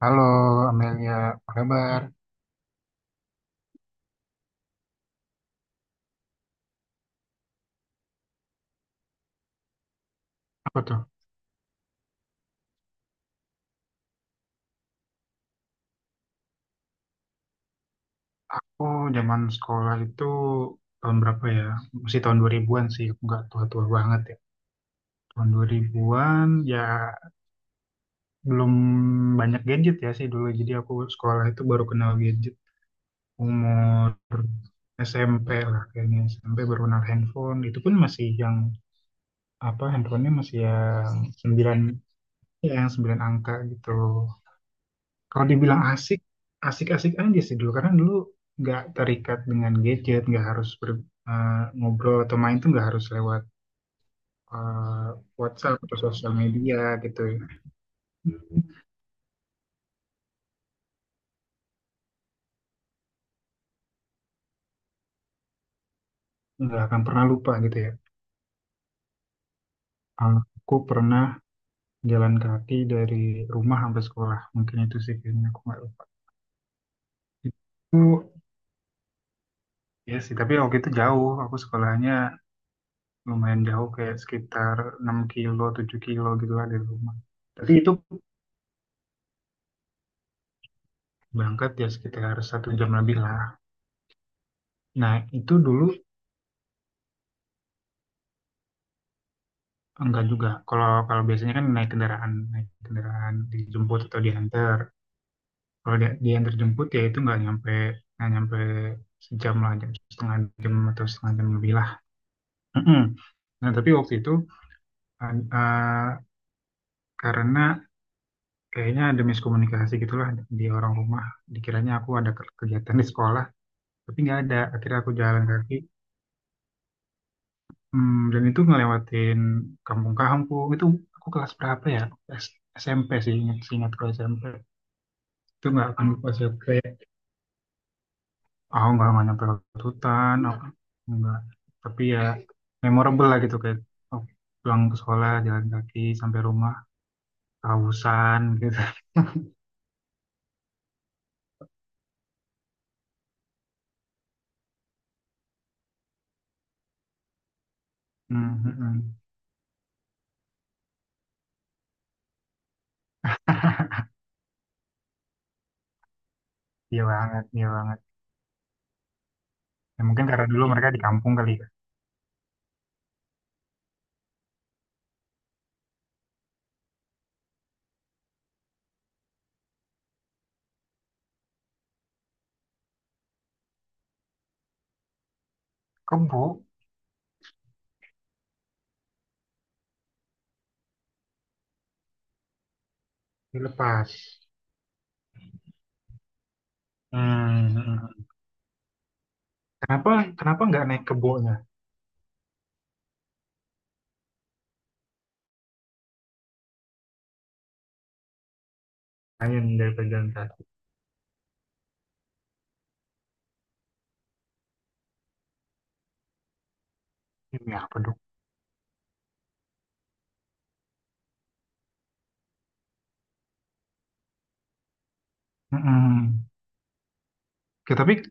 Halo Amelia, apa kabar? Apa tuh? Aku zaman sekolah itu tahun berapa ya? Masih tahun 2000-an sih, aku nggak tua-tua banget ya. Tahun 2000-an ya belum banyak gadget ya sih dulu. Jadi aku sekolah itu baru kenal gadget umur SMP lah kayaknya. SMP baru kenal handphone. Itu pun masih yang apa handphonenya masih yang 9, ya yang 9 angka gitu. Kalau dibilang asik, asik-asik aja sih dulu. Karena dulu nggak terikat dengan gadget, nggak harus ngobrol atau main tuh nggak harus lewat eh, WhatsApp atau sosial media gitu, ya. Nggak akan pernah lupa gitu ya. Aku pernah jalan kaki dari rumah sampai sekolah. Mungkin itu sih kayaknya aku nggak lupa. Itu ya sih, tapi waktu itu jauh. Aku sekolahnya lumayan jauh, kayak sekitar 6 kilo, 7 kilo gitu lah dari rumah. Tapi itu berangkat ya sekitar satu jam lebih lah. Nah itu dulu enggak juga. Kalau kalau biasanya kan naik kendaraan dijemput atau diantar. Kalau dia, diantar jemput ya itu nggak nyampe sejam lah, jam setengah jam atau setengah jam lebih lah. Mm-mm. Nah tapi waktu itu eh, eh, karena kayaknya ada miskomunikasi gitulah di orang rumah. Dikiranya aku ada kegiatan di sekolah, tapi nggak ada. Akhirnya aku jalan kaki. Hmm, dan itu ngelewatin kampung-kampung itu. Aku kelas berapa ya? S- SMP sih, ingat ingat ke SMP. Itu nggak akan lupa sih, aku kayak aku nggak nyampe lewat hutan apa nggak, tapi ya memorable lah gitu kayak oh, pulang ke sekolah jalan kaki sampai rumah kehausan gitu. Hmm, hmm, hmm. Iya banget, iya banget, ya, mungkin karena dulu mereka di kampung kali ya. Kebo dilepas. Hmm, hmm, hmm. kenapa kenapa nggak naik kebonya, lain daripada jalan kaki? Ini apa dong? Mm-mm. Oke, tapi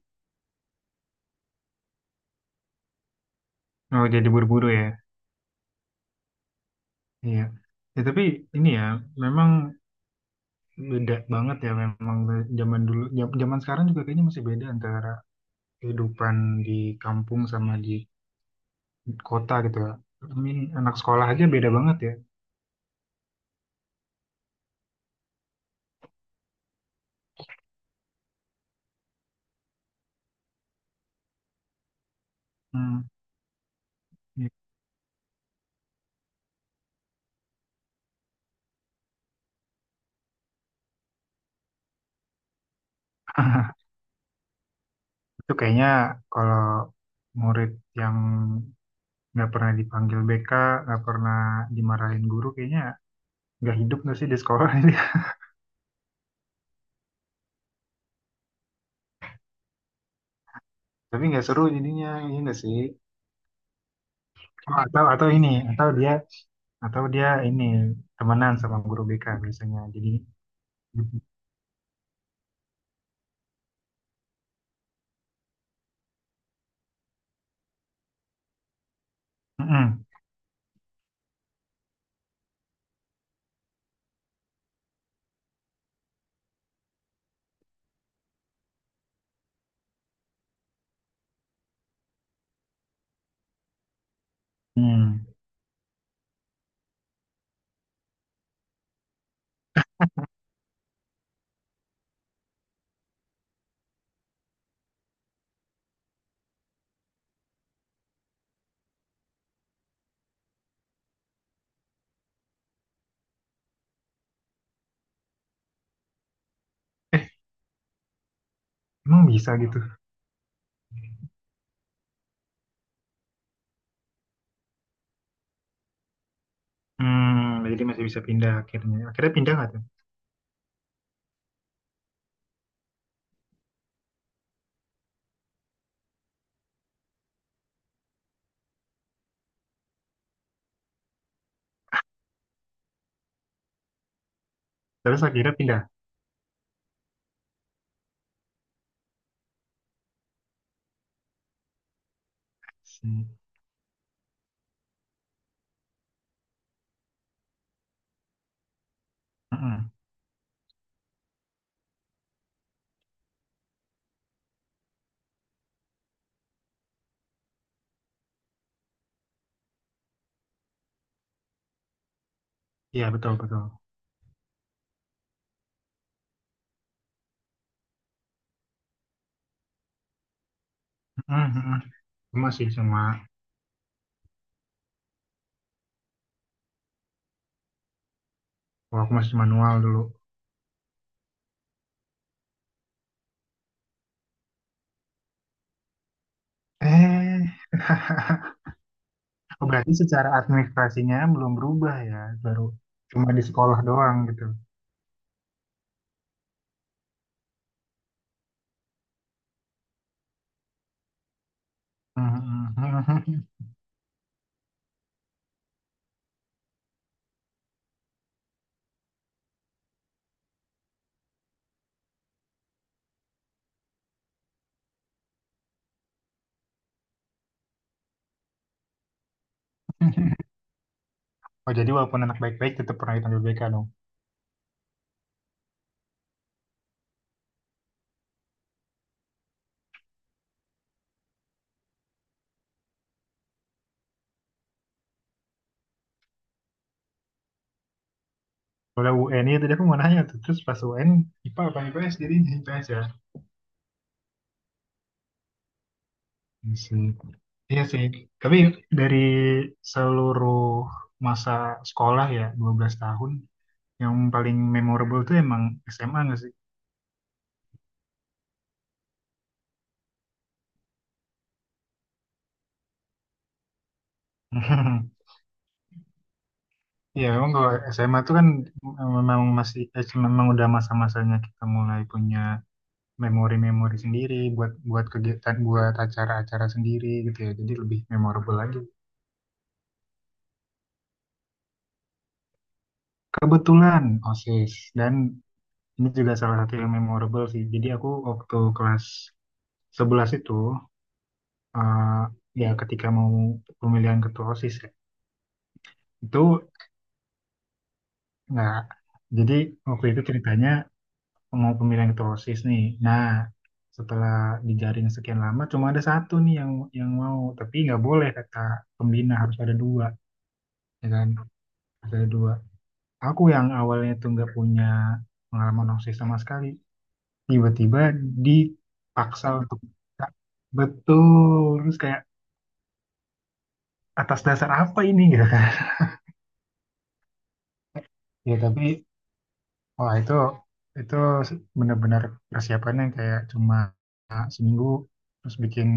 oh, jadi buru-buru ya. Iya. Ya, tapi ini ya memang beda banget ya, memang zaman dulu zaman sekarang juga kayaknya masih beda antara kehidupan di kampung sama di kota gitu ya. Ini anak sekolah aja beda banget ya. Hmm. Ya, itu kayaknya kalau murid yang nggak pernah dipanggil BK, nggak pernah dimarahin guru, kayaknya nggak hidup nggak sih di sekolah ini. Tapi nggak seru jadinya, iya nggak sih? Oh, atau ini atau dia ini temenan sama guru BK biasanya jadi mm-mm. Hmm. eh Emang bisa gitu? Hmm, jadi masih bisa pindah, akhirnya akhirnya pindah nggak tuh? Terus akhirnya pindah. Hmm. Mm-mm. Iya, betul betul. Mm-mm, mm-mm. Aku masih cuma oh, aku masih manual dulu. eh oh, berarti secara administrasinya belum berubah ya, baru cuma di sekolah doang gitu. Mm-mm. Oh jadi walaupun anak baik-baik tetap pernah dipanggil BK dong. Kalau UN itu tadi aku mau nanya tuh, terus pas UN IPA apa IPS, jadi IPS ya. Iya sih. Iya sih. Tapi dari seluruh masa sekolah ya 12 tahun, yang paling memorable tuh emang SMA nggak sih? Iya, memang kalau SMA tuh kan memang masih memang udah masa-masanya kita mulai punya memori-memori sendiri buat buat kegiatan buat acara-acara sendiri gitu ya. Jadi lebih memorable lagi. Kebetulan OSIS, dan ini juga salah satu yang memorable sih. Jadi aku waktu kelas 11 itu eh, ya ketika mau pemilihan ketua OSIS ya, itu nggak. Jadi waktu itu ceritanya mau pemilihan ketua OSIS nih. Nah, setelah dijaring sekian lama cuma ada satu nih yang mau, tapi nggak boleh kata pembina harus ada dua, ya kan? Harus ada dua. Aku yang awalnya itu nggak punya pengalaman OSIS sama sekali tiba-tiba dipaksa untuk buka. Betul, terus kayak atas dasar apa ini gitu kan. Ya tapi wah itu benar-benar persiapan yang kayak cuma seminggu, terus bikin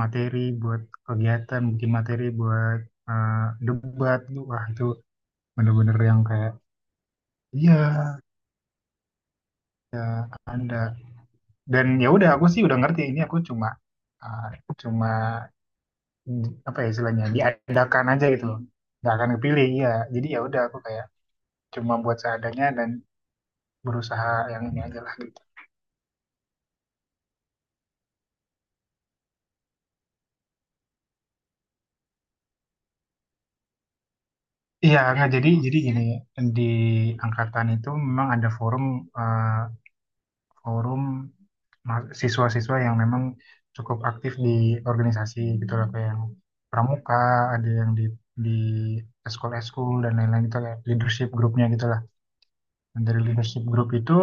materi buat kegiatan, bikin materi buat eh, debat tuh, wah itu benar-benar yang kayak iya anda. Dan ya udah aku sih udah ngerti ini, aku cuma eh, cuma apa ya istilahnya diadakan aja gitu loh, nggak akan kepilih ya. Jadi ya udah aku kayak cuma buat seadanya dan berusaha yang ini aja lah gitu. Iya nggak jadi jadi gini, di angkatan itu memang ada forum, eh, forum siswa-siswa yang memang cukup aktif di organisasi gitu lah kayak yang pramuka, ada yang di di eskul-eskul dan lain-lain gitu kayak leadership grupnya gitu lah. Dan dari leadership group itu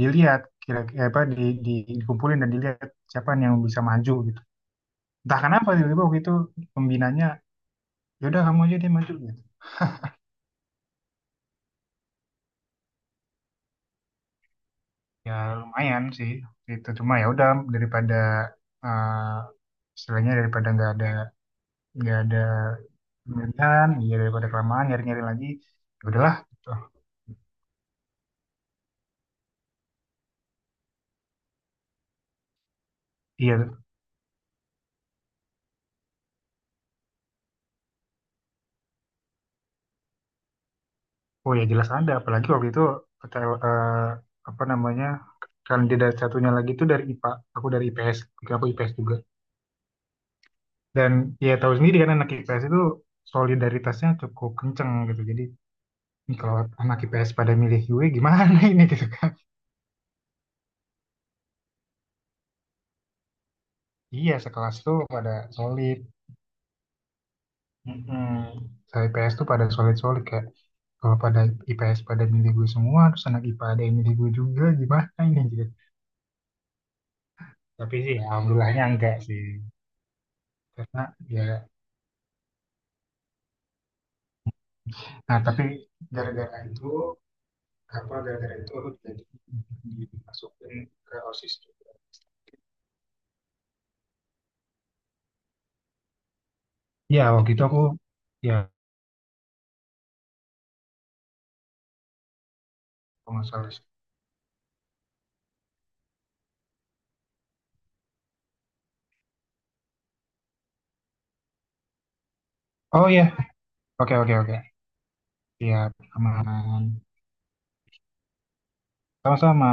dilihat, kira apa dikumpulin dan dilihat siapa yang bisa maju gitu. Entah kenapa tiba-tiba waktu itu pembinanya ya udah kamu aja, dia maju gitu. Ya lumayan sih, itu cuma ya udah daripada istilahnya daripada nggak ada pemilihan, iya daripada kelamaan nyari-nyari lagi, ya udahlah, gitu. Iya. Oh ya jelas ada, apalagi waktu itu PTL, eh, apa namanya kandidat satunya lagi itu dari IPA, aku dari IPS, juga aku IPS juga. Dan ya tahu sendiri kan anak IPS itu solidaritasnya cukup kenceng gitu. Jadi ini kalau anak IPS pada milih gue gimana ini gitu, kan. Iya sekelas tuh pada solid. Mm-mm. Saya IPS tuh pada solid-solid kayak kalau pada IPS pada milih gue semua, terus anak IPA ada yang milih gue juga gimana ini gitu. Tapi sih ya, alhamdulillahnya enggak sih karena ya. Nah, tapi gara-gara itu, apa gara-gara itu aku jadi dimasukin ke OSIS juga. Ya, waktu itu aku, ya, kalau nggak salah. Oh iya. Oke, oke, oke. Siap, aman. Sama-sama.